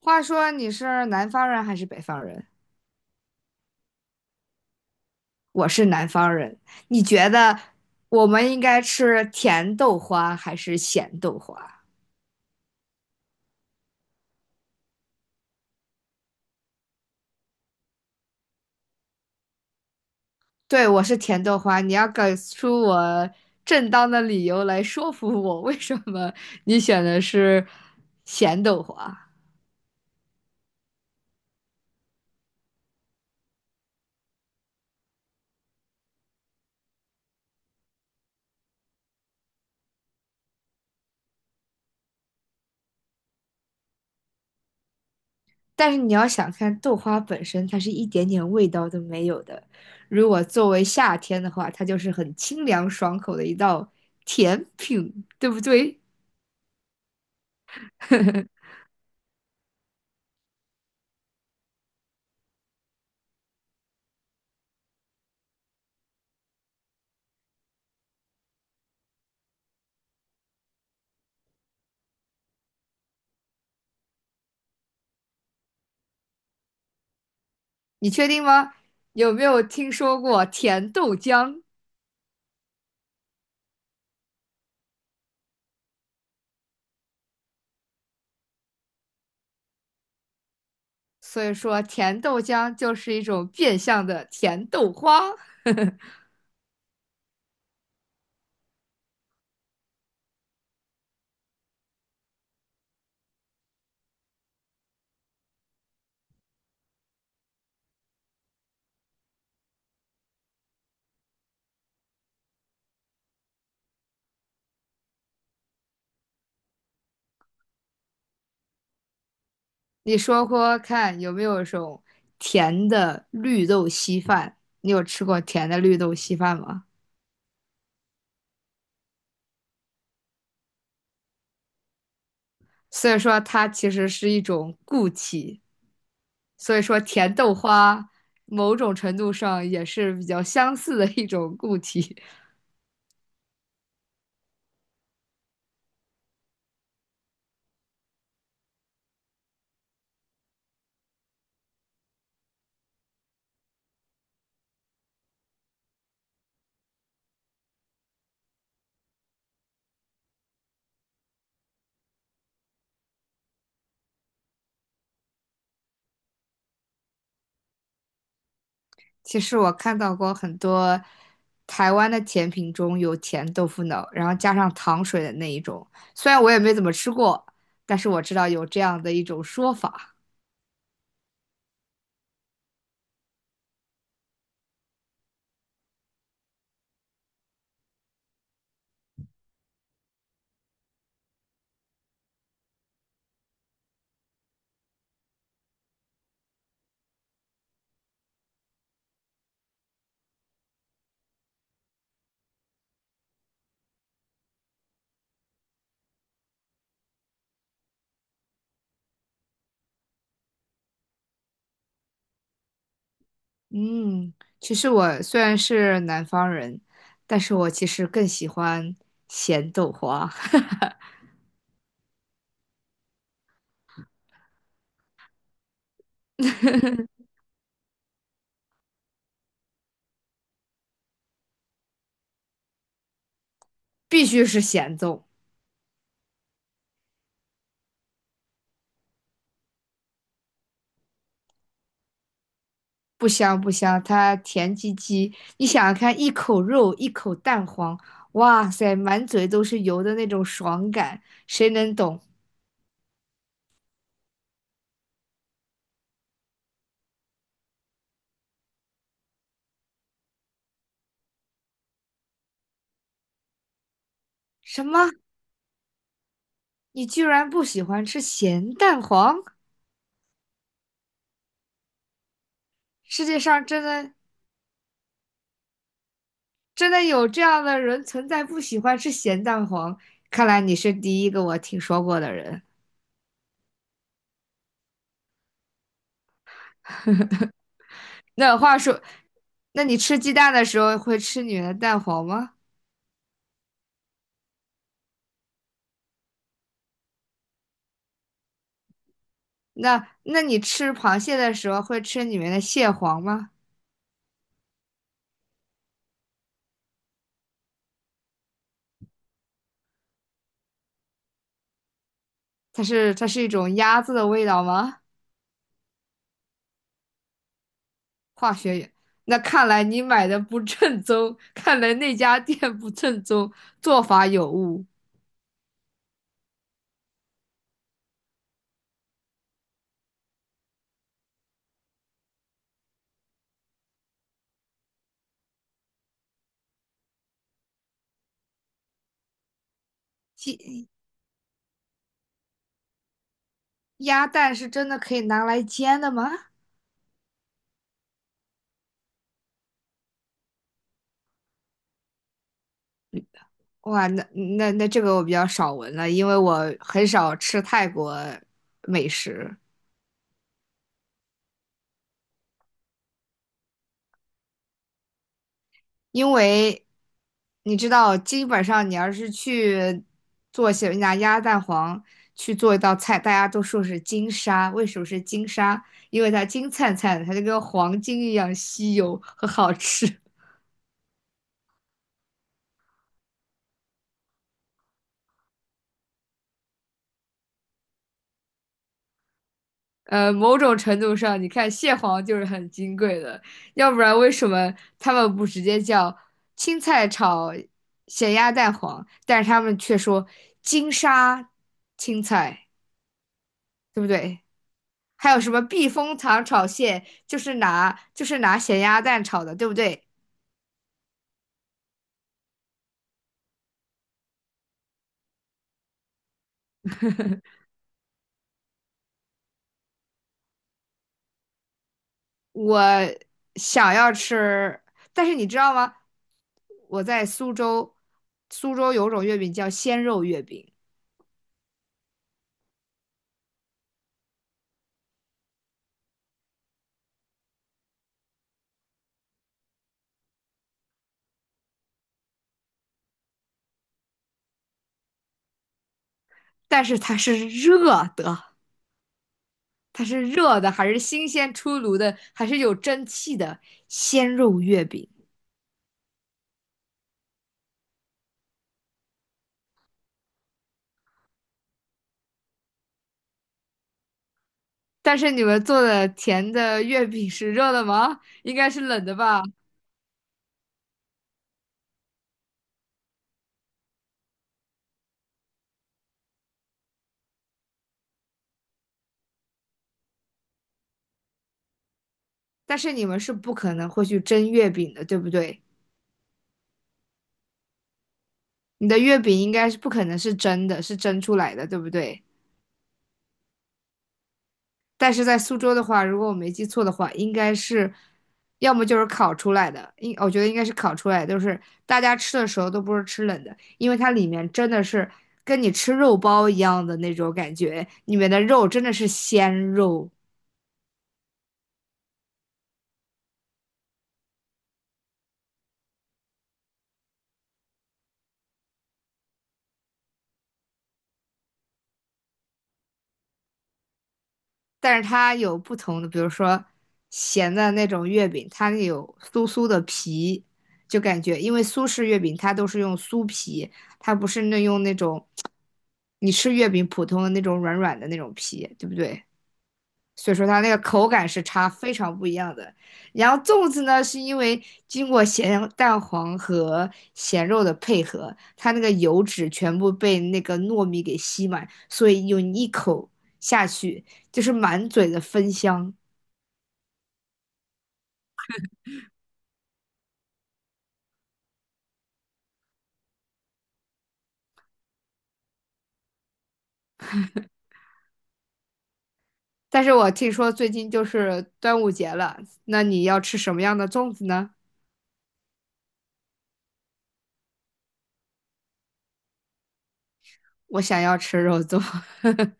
话说你是南方人还是北方人？我是南方人，你觉得我们应该吃甜豆花还是咸豆花？对，我是甜豆花，你要给出我正当的理由来说服我，为什么你选的是咸豆花？但是你要想看豆花本身，它是一点点味道都没有的。如果作为夏天的话，它就是很清凉爽口的一道甜品，对不对？你确定吗？有没有听说过甜豆浆？所以说，甜豆浆就是一种变相的甜豆花。你说说看，有没有一种甜的绿豆稀饭？你有吃过甜的绿豆稀饭吗？所以说，它其实是一种固体。所以说，甜豆花某种程度上也是比较相似的一种固体。其实我看到过很多台湾的甜品中有甜豆腐脑，然后加上糖水的那一种。虽然我也没怎么吃过，但是我知道有这样的一种说法。嗯，其实我虽然是南方人，但是我其实更喜欢咸豆花，必须是咸豆，不香不香，它甜唧唧。你想想看，一口肉，一口蛋黄，哇塞，满嘴都是油的那种爽感，谁能懂？什么？你居然不喜欢吃咸蛋黄？世界上真的有这样的人存在，不喜欢吃咸蛋黄？看来你是第一个我听说过的人。那话说，那你吃鸡蛋的时候会吃里面的蛋黄吗？那你吃螃蟹的时候会吃里面的蟹黄吗？它是一种鸭子的味道吗？化学原那看来你买的不正宗，看来那家店不正宗，做法有误。鸭蛋是真的可以拿来煎的吗？哇，那那这个我比较少闻了，因为我很少吃泰国美食，因为你知道，基本上你要是去做些拿鸭蛋黄去做一道菜，大家都说是金沙，为什么是金沙？因为它金灿灿的，它就跟黄金一样稀有和好吃。某种程度上，你看蟹黄就是很金贵的，要不然为什么他们不直接叫青菜炒咸鸭蛋黄，但是他们却说金沙青菜，对不对？还有什么避风塘炒蟹，就是拿咸鸭蛋炒的，对不对？我想要吃，但是你知道吗？我在苏州，苏州有种月饼叫鲜肉月饼，但是它是热的。它是热的，还是新鲜出炉的，还是有蒸汽的鲜肉月饼。但是你们做的甜的月饼是热的吗？应该是冷的吧？但是你们是不可能会去蒸月饼的，对不对？你的月饼应该是不可能是蒸的，是蒸出来的，对不对？但是在苏州的话，如果我没记错的话，应该是要么就是烤出来的，我觉得应该是烤出来的，就是大家吃的时候都不是吃冷的，因为它里面真的是跟你吃肉包一样的那种感觉，里面的肉真的是鲜肉，但是它有不同的，比如说咸的那种月饼，它有酥酥的皮，就感觉因为苏式月饼它都是用酥皮，它不是那用那种。你吃月饼普通的那种软软的那种皮，对不对？所以说它那个口感是差非常不一样的。然后粽子呢，是因为经过咸蛋黄和咸肉的配合，它那个油脂全部被那个糯米给吸满，所以有你一口下去就是满嘴的芬香。但是我听说最近就是端午节了，那你要吃什么样的粽子呢？我想要吃肉粽。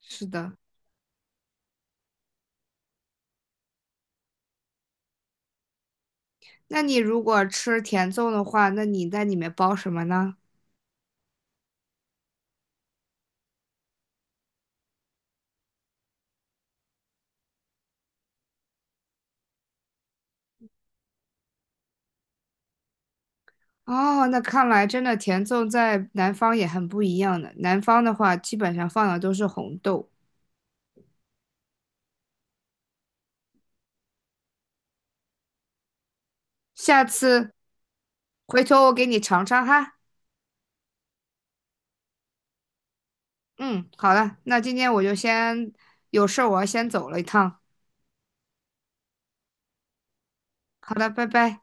是的，那你如果吃甜粽的话，那你在里面包什么呢？哦，那看来真的甜粽在南方也很不一样的。南方的话，基本上放的都是红豆。下次回头我给你尝尝哈。嗯，好了，那今天我就先有事儿，我要先走了一趟。好的，拜拜。